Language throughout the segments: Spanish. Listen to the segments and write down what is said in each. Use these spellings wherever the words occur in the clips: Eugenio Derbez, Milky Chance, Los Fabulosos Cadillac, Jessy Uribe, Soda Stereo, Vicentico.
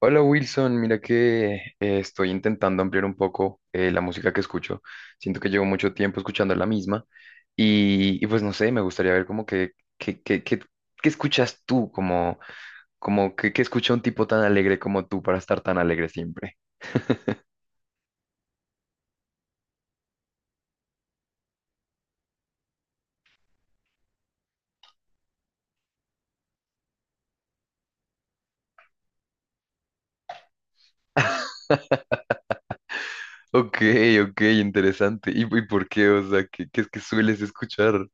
Hola Wilson, mira que estoy intentando ampliar un poco la música que escucho. Siento que llevo mucho tiempo escuchando la misma y pues no sé, me gustaría ver como que, que, que- qué escuchas tú, como, como que escucha un tipo tan alegre como tú para estar tan alegre siempre. Ok, ok, interesante. ¿Y por qué? O sea, ¿qué es que sueles escuchar?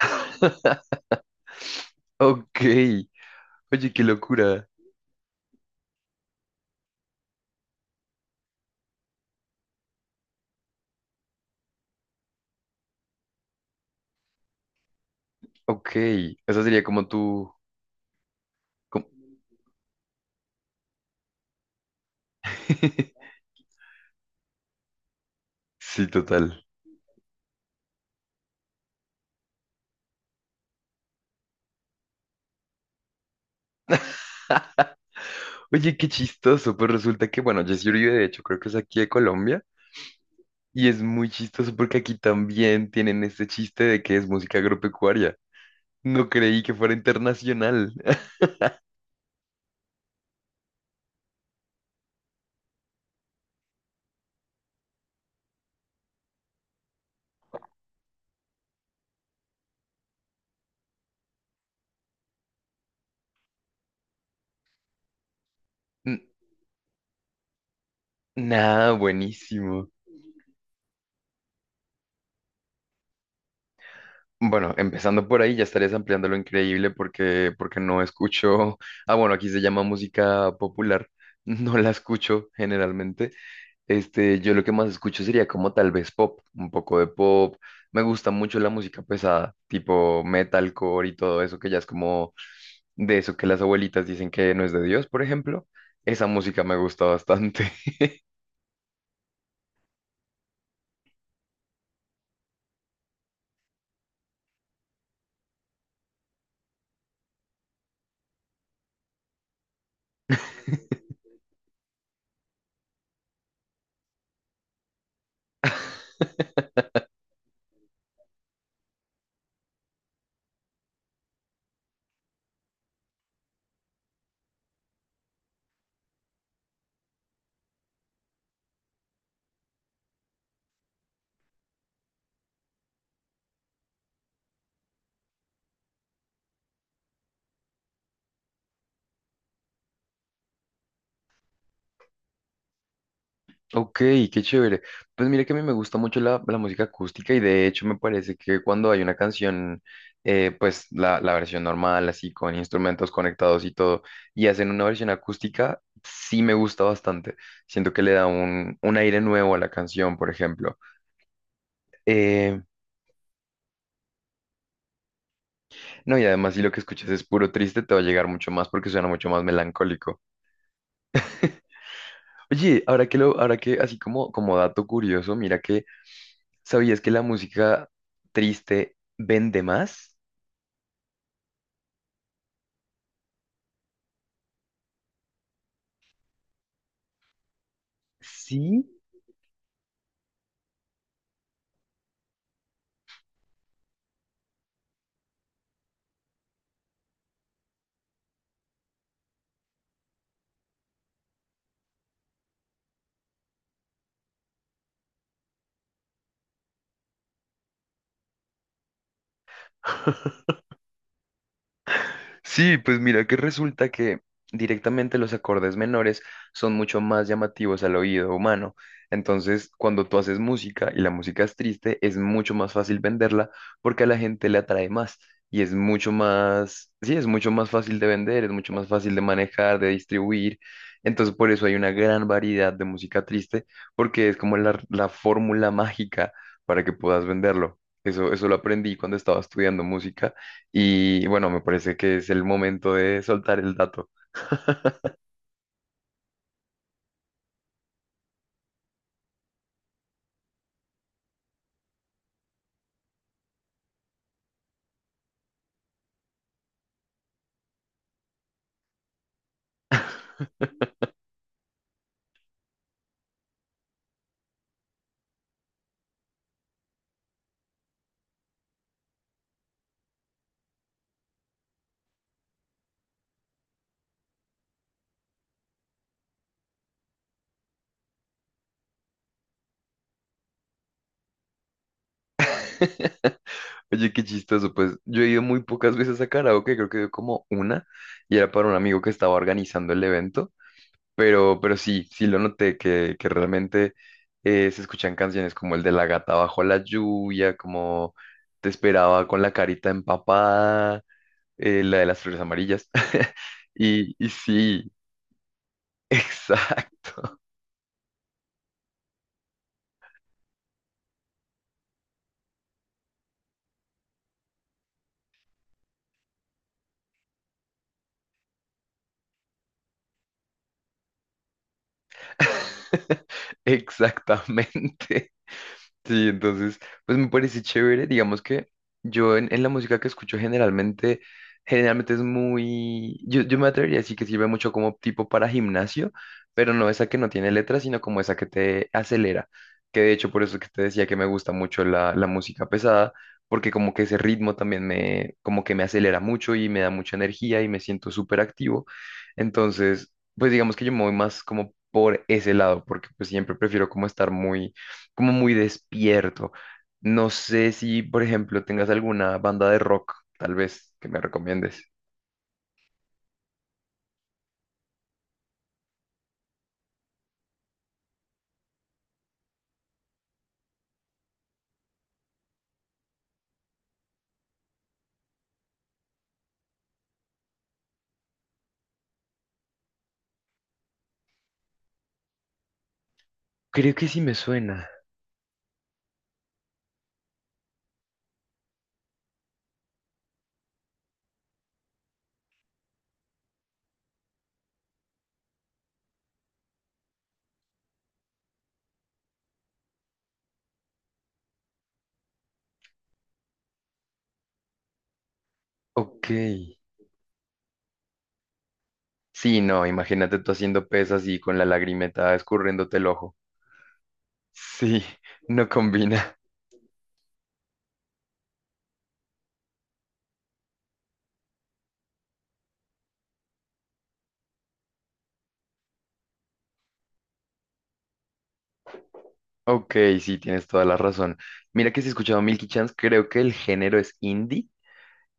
Ok, oye, qué locura. Ok, esa sería como tú... como- Sí, total. Oye, qué chistoso, pues resulta que, bueno, Jessy Uribe de hecho creo que es aquí de Colombia y es muy chistoso porque aquí también tienen este chiste de que es música agropecuaria. No creí que fuera internacional. N- Nada, buenísimo. Bueno, empezando por ahí ya estarías ampliando lo increíble porque no escucho, ah, bueno, aquí se llama música popular, no la escucho generalmente. Este, yo lo que más escucho sería como tal vez pop, un poco de pop. Me gusta mucho la música pesada, tipo metalcore y todo eso, que ya es como de eso que las abuelitas dicen que no es de Dios, por ejemplo. Esa música me gusta bastante. Ok, qué chévere. Pues mira que a mí me gusta mucho la música acústica y de hecho me parece que cuando hay una canción, pues la versión normal, así con instrumentos conectados y todo, y hacen una versión acústica, sí me gusta bastante. Siento que le da un aire nuevo a la canción, por ejemplo. Eh, no, y además si lo que escuchas es puro triste, te va a llegar mucho más porque suena mucho más melancólico. Oye, ahora que lo, ahora que, así como, como dato curioso, mira que, ¿sabías que la música triste vende más? Sí. Sí, pues mira que resulta que directamente los acordes menores son mucho más llamativos al oído humano. Entonces, cuando tú haces música y la música es triste, es mucho más fácil venderla porque a la gente le atrae más y es mucho más, sí, es mucho más fácil de vender, es mucho más fácil de manejar, de distribuir. Entonces, por eso hay una gran variedad de música triste porque es como la fórmula mágica para que puedas venderlo. Eso lo aprendí cuando estaba estudiando música. Y bueno, me parece que es el momento de soltar el dato. Oye, qué chistoso, pues yo he ido muy pocas veces a karaoke, creo que he ido como una, y era para un amigo que estaba organizando el evento, pero sí, sí lo noté, que realmente se escuchan canciones como el de La gata bajo la lluvia, como Te esperaba con la carita empapada, la de las flores amarillas, y sí, exacto, exactamente. Sí, entonces, pues me parece chévere, digamos que yo en la música que escucho generalmente, generalmente es muy, yo me atrevería a decir que sirve mucho como tipo para gimnasio, pero no esa que no tiene letras, sino como esa que te acelera, que de hecho por eso que te decía que me gusta mucho la música pesada, porque como que ese ritmo también me, como que me acelera mucho y me da mucha energía y me siento súper activo, entonces, pues digamos que yo me voy más como por ese lado, porque pues siempre prefiero como estar muy como muy despierto. No sé si, por ejemplo, tengas alguna banda de rock, tal vez, que me recomiendes. Creo que sí me suena. Ok. Sí, no, imagínate tú haciendo pesas y con la lagrimeta escurriéndote el ojo. Sí, no combina. Ok, sí, tienes toda la razón. Mira que si he escuchado Milky Chance, creo que el género es indie.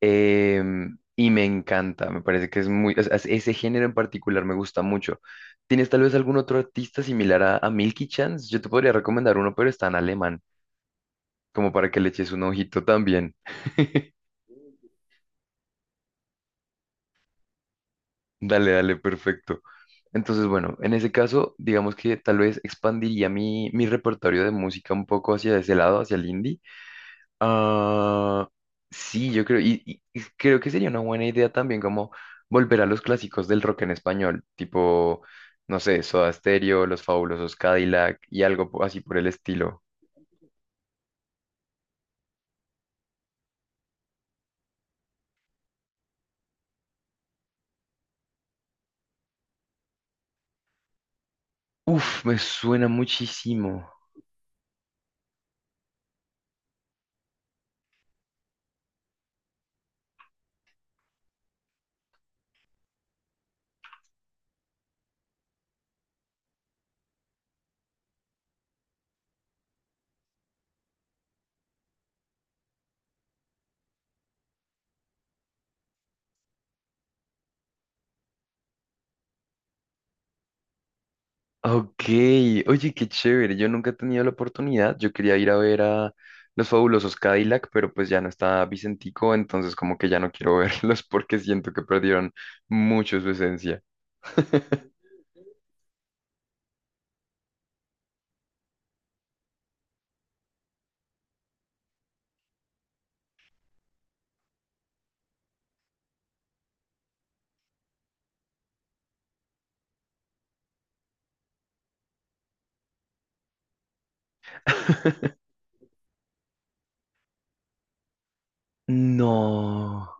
Em, y me encanta, me parece que es muy, o sea, ese género en particular me gusta mucho. ¿Tienes tal vez algún otro artista similar a Milky Chance? Yo te podría recomendar uno, pero está en alemán, como para que le eches un ojito también. Dale, dale, perfecto. Entonces, bueno, en ese caso, digamos que tal vez expandiría mi, mi repertorio de música un poco hacia ese lado, hacia el indie. Ah, sí, yo creo, y creo que sería una buena idea también como volver a los clásicos del rock en español, tipo, no sé, Soda Stereo, Los Fabulosos Cadillac y algo así por el estilo. Uf, me suena muchísimo. Ok, oye, qué chévere, yo nunca he tenido la oportunidad, yo quería ir a ver a Los Fabulosos Cadillac, pero pues ya no está Vicentico, entonces como que ya no quiero verlos porque siento que perdieron mucho su esencia. No,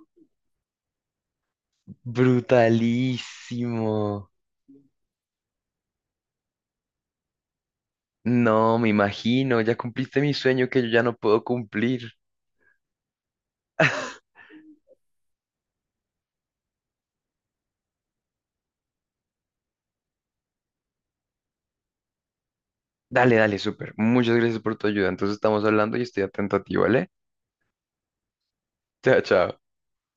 brutalísimo. No, me imagino, ya cumpliste mi sueño que yo ya no puedo cumplir. Dale, dale, súper. Muchas gracias por tu ayuda. Entonces estamos hablando y estoy atento a ti, ¿vale? Chao, chao.